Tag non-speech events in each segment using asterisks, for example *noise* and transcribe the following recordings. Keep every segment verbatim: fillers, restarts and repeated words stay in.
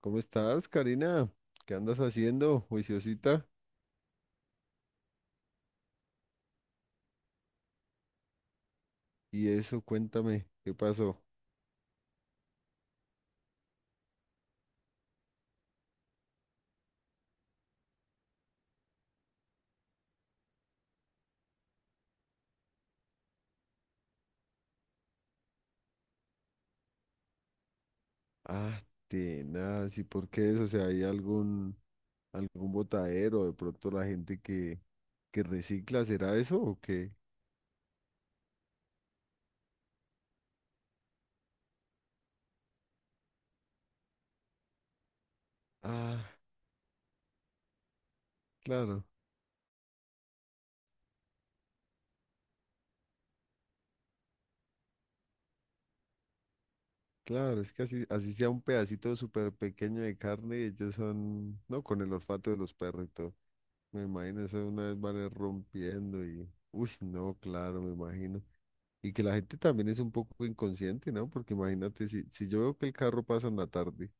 ¿Cómo estás, Karina? ¿Qué andas haciendo, juiciosita? Y eso, cuéntame, ¿qué pasó? Ah, tenaz, ¿y por qué eso? O sea, ¿hay algún, algún botadero? De pronto la gente que, que recicla, ¿será eso o qué? Ah, claro, claro, es que así, así sea un pedacito súper pequeño de carne, ellos son, no, con el olfato de los perros y todo. Me imagino eso de una vez van a ir rompiendo y, uy, no, claro, me imagino. Y que la gente también es un poco inconsciente, ¿no? Porque imagínate, si, si yo veo que el carro pasa en la tarde,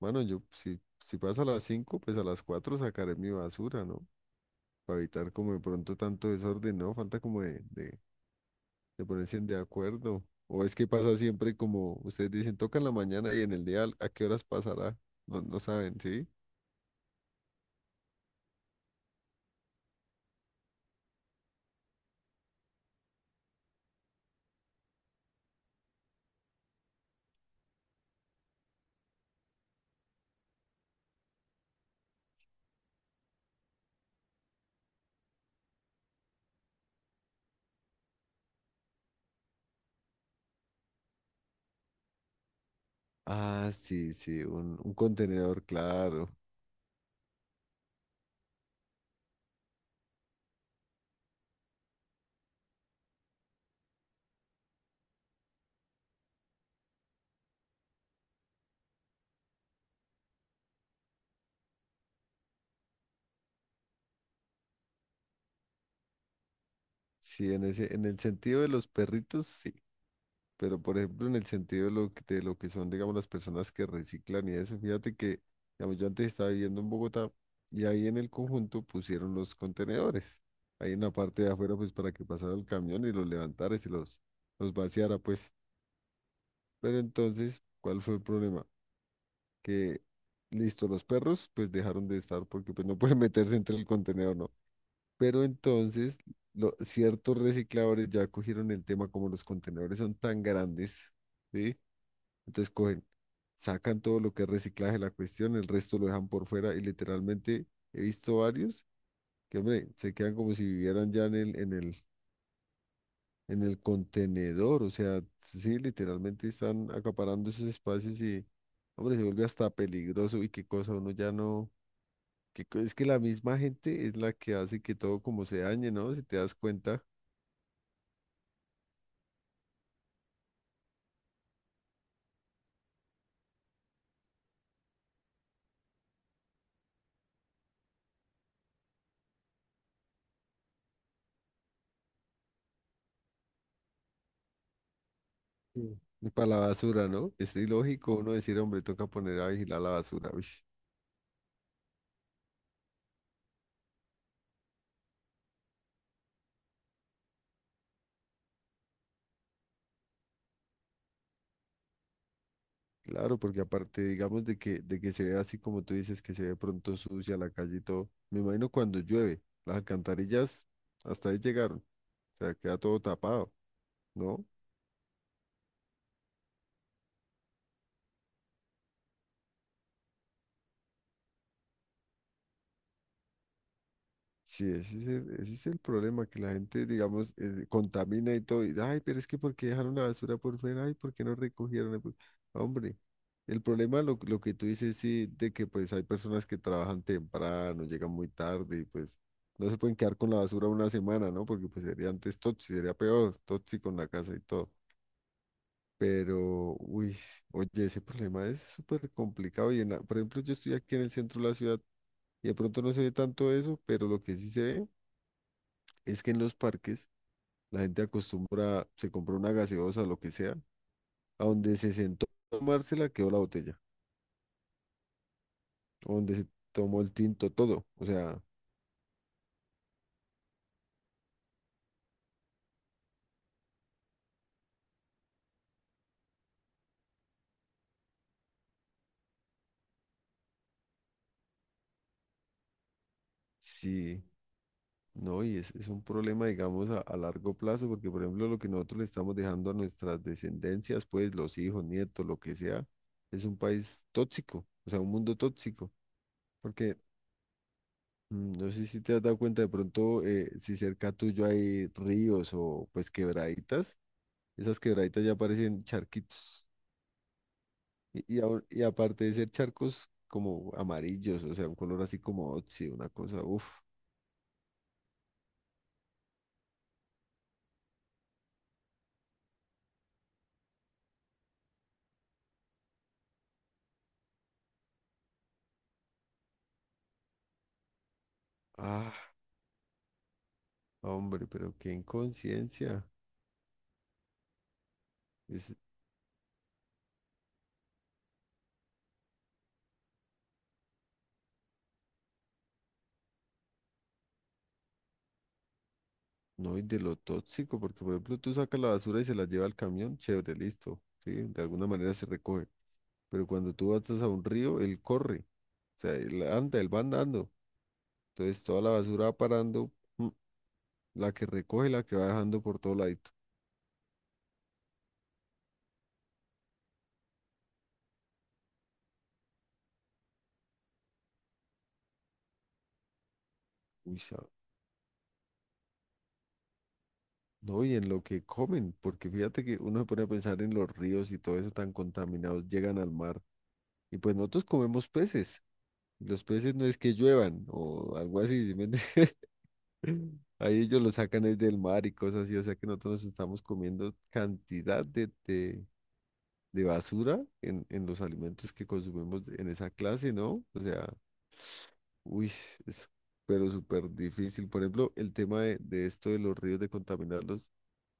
bueno, yo si, si pasa a las cinco, pues a las cuatro sacaré mi basura, ¿no? Para evitar como de pronto tanto desorden, ¿no? Falta como de, de, de ponerse en de acuerdo. O es que pasa siempre como ustedes dicen, toca en la mañana y en el día, ¿a qué horas pasará? No, no saben, ¿sí? Ah, sí, sí, un, un contenedor, claro. Sí, en ese, en el sentido de los perritos, sí. Pero, por ejemplo, en el sentido de lo que, de lo que son, digamos, las personas que reciclan y eso, fíjate que, digamos, yo antes estaba viviendo en Bogotá y ahí en el conjunto pusieron los contenedores. Ahí en la parte de afuera, pues, para que pasara el camión y los levantara y se los, los vaciara, pues. Pero entonces, ¿cuál fue el problema? Que, listo, los perros, pues, dejaron de estar porque, pues, no *laughs* pueden meterse entre el contenedor, ¿no? Pero entonces, lo- ciertos recicladores ya cogieron el tema, como los contenedores son tan grandes, ¿sí? Entonces cogen, sacan todo lo que es reciclaje, de la cuestión, el resto lo dejan por fuera y literalmente he visto varios que, hombre, se quedan como si vivieran ya en el, en el, en el contenedor. O sea, sí, literalmente están acaparando esos espacios y, hombre, se vuelve hasta peligroso y qué cosa, uno ya no... Que co- es que la misma gente es la que hace que todo como se dañe, ¿no? Si te das cuenta. Sí. Para la basura, ¿no? Es ilógico uno decir, hombre, toca poner a vigilar la basura. Uy. Claro, porque aparte, digamos, de que, de que se ve así como tú dices, que se ve pronto sucia la calle y todo. Me imagino cuando llueve, las alcantarillas hasta ahí llegaron, o sea, queda todo tapado, ¿no? Sí, ese es el, ese es el problema, que la gente, digamos, es- contamina y todo. Y, ay, pero es que ¿por qué dejaron la basura por fuera? Ay, ¿por qué no recogieron? Por- Hombre, el problema, lo, lo que tú dices, sí, de que pues hay personas que trabajan temprano, llegan muy tarde y pues no se pueden quedar con la basura una semana, ¿no? Porque pues sería antes tóxico, sería peor, tóxico en la casa y todo. Pero, uy, oye, ese problema es súper complicado. Y en la- por ejemplo, yo estoy aquí en el centro de la ciudad y de pronto no se ve tanto eso, pero lo que sí se ve es que en los parques la gente acostumbra, se compra una gaseosa, lo que sea, a donde se sentó a tomársela quedó la botella, o donde se tomó el tinto, todo. O sea, sí, no, y es, es un problema, digamos, a, a largo plazo, porque por ejemplo lo que nosotros le estamos dejando a nuestras descendencias, pues los hijos, nietos, lo que sea, es un país tóxico, o sea, un mundo tóxico, porque... mm, No sé si te has dado cuenta de pronto eh, si cerca tuyo hay ríos o pues quebraditas. Esas quebraditas ya parecen charquitos. Y, y, ahor- y aparte de ser charcos como amarillos, o sea, un color así como óxido, una cosa, uff. Ah, hombre, pero qué inconsciencia. Es, no, y de lo tóxico, porque por ejemplo tú sacas la basura y se la lleva al camión, chévere, listo. Sí, de alguna manera se recoge. Pero cuando tú vas a un río, él corre. O sea, él anda, él va andando. Entonces toda la basura va parando, mm, la que recoge, y la que va dejando por todo ladito. Uy, no, y en lo que comen, porque fíjate que uno se pone a pensar en los ríos y todo eso tan contaminados, llegan al mar. Y pues nosotros comemos peces. Los peces no es que lluevan o algo así, ¿sí me entiendes? *laughs* Ahí ellos los sacan es del mar y cosas así, o sea que nosotros nos estamos comiendo cantidad de, de, de basura en, en los alimentos que consumimos en esa clase, ¿no? O sea, uy, es pero súper difícil. Por ejemplo, el tema de, de esto de los ríos, de contaminarlos,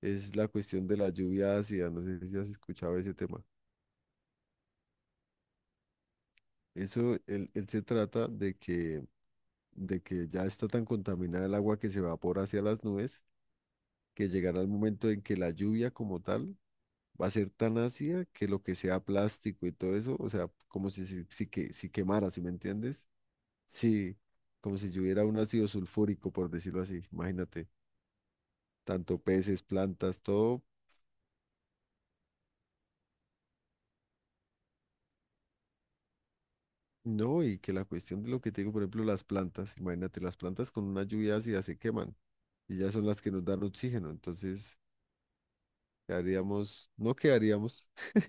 es la cuestión de la lluvia ácida. No sé si has escuchado ese tema. Eso, él, él se trata de que, de que ya está tan contaminada el agua que se evapora hacia las nubes, que llegará el momento en que la lluvia como tal va a ser tan ácida que lo que sea plástico y todo eso, o sea, como si, se- si, que, si quemara, ¿si me entiendes? Sí, como si lloviera un ácido sulfúrico, por decirlo así, imagínate. Tanto peces, plantas, todo. No, y que la cuestión de lo que te digo, por ejemplo, las plantas, imagínate, las plantas con una lluvia ácida se queman y ya son las que nos dan oxígeno, entonces quedaríamos, no quedaríamos. *laughs*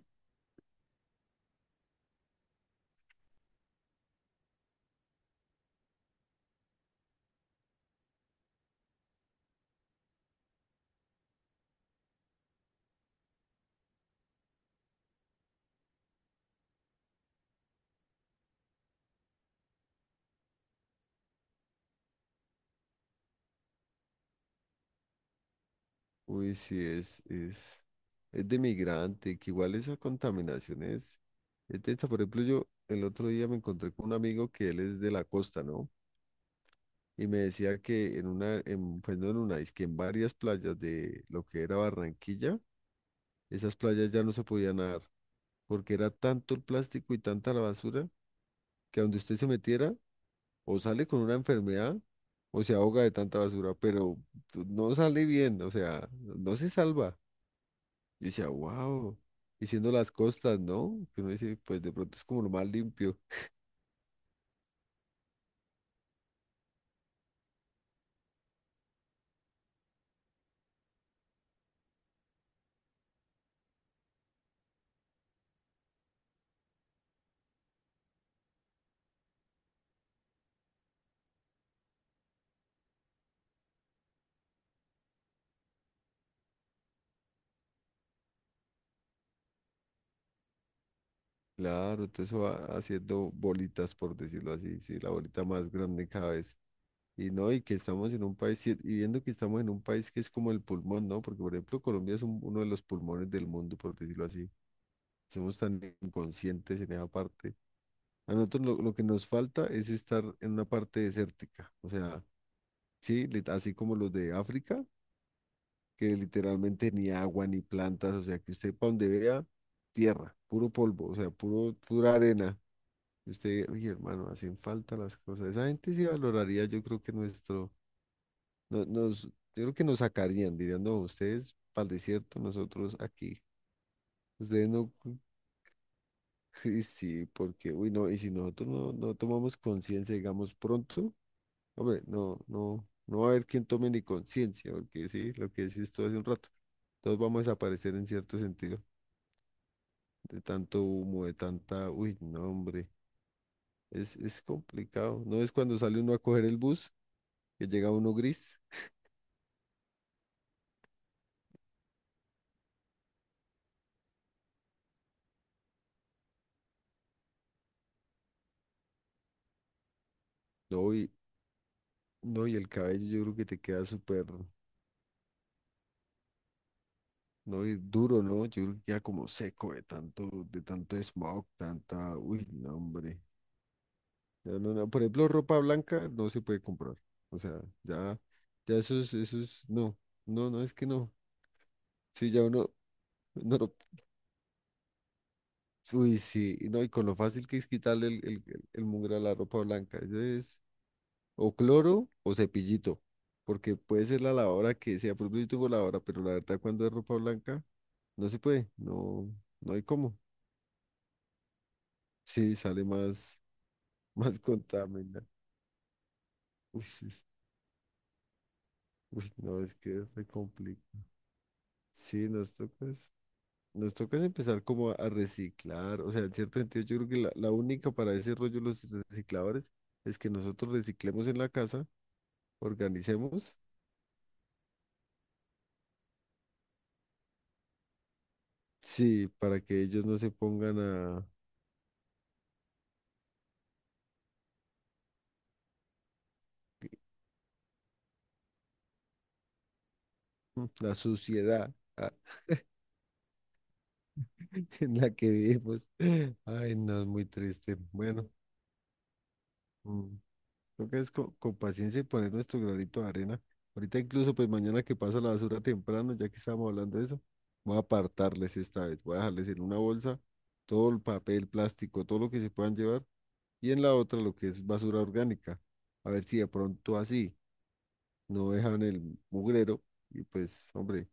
Uy, sí, es, es, es de migrante, que igual esa contaminación es, es densa. Por ejemplo, yo el otro día me encontré con un amigo que él es de la costa, ¿no? Y me decía que en una, en, pues no en una, es que en varias playas de lo que era Barranquilla, esas playas ya no se podían nadar porque era tanto el plástico y tanta la basura que a donde usted se metiera o sale con una enfermedad o se ahoga de tanta basura, pero tú- no sale bien, o sea, no se salva. Yo decía, wow, y siendo las costas, ¿no? Que uno dice, pues de pronto es como lo más limpio. Claro, todo eso va haciendo bolitas, por decirlo así, sí, la bolita más grande cada vez. Y no, y que estamos en un país, y y viendo que estamos en un país que es como el pulmón, ¿no? Porque, por ejemplo, Colombia es un- uno de los pulmones del mundo, por decirlo así. Somos tan inconscientes en esa parte. A nosotros lo, lo que nos falta es estar en una parte desértica. O sea, sí, lit- así como los de África, que literalmente ni agua ni plantas. O sea, que usted para donde vea, tierra, puro polvo, o sea, puro, pura arena. Y usted, oye, hermano, hacen falta las cosas. Esa gente sí valoraría, yo creo que nuestro, no- nos, yo creo que nos sacarían, dirían, no, ustedes para el desierto, nosotros aquí. Ustedes no. *laughs* Y sí, porque, uy, no, y si nosotros no, no tomamos conciencia, digamos, pronto, hombre, no, no, no va a haber quien tome ni conciencia, porque sí, lo que decís todo hace un rato, todos vamos a desaparecer en cierto sentido, de tanto humo, de tanta, uy, no, hombre, es, es complicado, no es cuando sale uno a coger el bus, que llega uno gris, no, y, no, y el cabello yo creo que te queda súper, no, y duro, ¿no? Yo creo que queda como seco de tanto, de tanto smog, tanta, uy, no, hombre. No, no, no. Por ejemplo, ropa blanca no se puede comprar. O sea, ya, ya esos, esos, no, no, no, es que no. Sí, ya uno, *laughs* no, lo- uy, sí, y no, y con lo fácil que es quitarle el, el, el el mugre a la ropa blanca. Eso es o cloro o cepillito, porque puede ser la lavadora que sea, por ejemplo, yo tengo lavadora, pero la verdad cuando es ropa blanca, no se puede, no, no hay cómo. Sí, sale más, *laughs* más contaminada. Uy, sí, uy, no, es que es re complicado. Sí, nos toca. Nos toca es empezar como a reciclar, o sea, en cierto sentido yo creo que la, la única para ese rollo de los recicladores es que nosotros reciclemos en la casa, organicemos, sí, para que ellos no se pongan a *clears throat* la suciedad ah, *laughs* en la que vivimos. *laughs* Ay, no, es muy triste. Bueno, mm, toca es co- con, paciencia y poner nuestro granito de arena. Ahorita incluso, pues mañana que pasa la basura temprano, ya que estábamos hablando de eso, voy a apartarles esta vez. Voy a dejarles en una bolsa todo el papel, plástico, todo lo que se puedan llevar, y en la otra lo que es basura orgánica. A ver si de pronto así no dejan el mugrero y pues, hombre,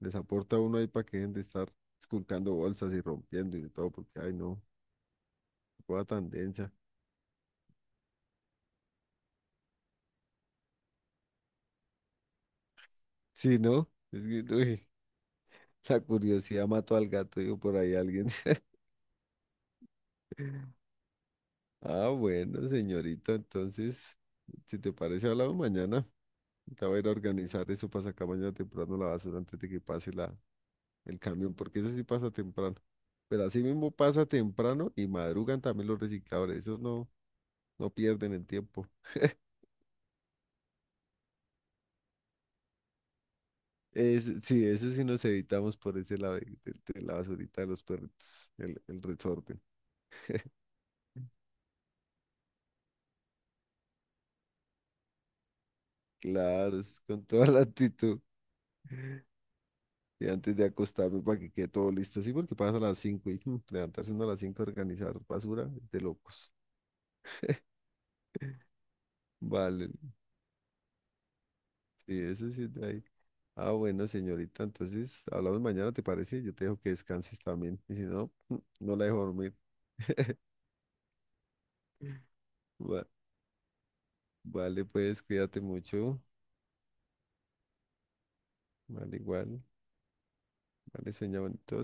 les aporta uno ahí para que dejen de estar esculcando bolsas y rompiendo y de todo, porque, ay no, qué cosa tan densa. Sí, ¿no? Es que, uy, *laughs* la curiosidad mató al gato, digo, por ahí alguien. Ah, bueno, señorita, entonces, si te parece, hablamos mañana. Ya voy a ir a organizar eso para sacar mañana temprano la basura antes de que pase la, el camión, porque eso sí pasa temprano. Pero así mismo pasa temprano y madrugan también los recicladores, esos no, no pierden el tiempo. Es, sí, eso sí nos evitamos por ese lado de, de- de la basurita de los perritos, el, el resorte. Claro, es con toda la actitud. Y antes de acostarme para que quede todo listo, sí, porque pasa a las cinco y *laughs* mm, levantarse uno a las cinco a organizar basura, de locos. Vale, sí, eso sí es de ahí. Ah, bueno, señorita, entonces hablamos mañana, ¿te parece? Yo te dejo que descanses también. Y si no, *clears throat* mm, no la dejo dormir. Va- vale, pues cuídate mucho. Vale, igual. Vale, sueña bonito.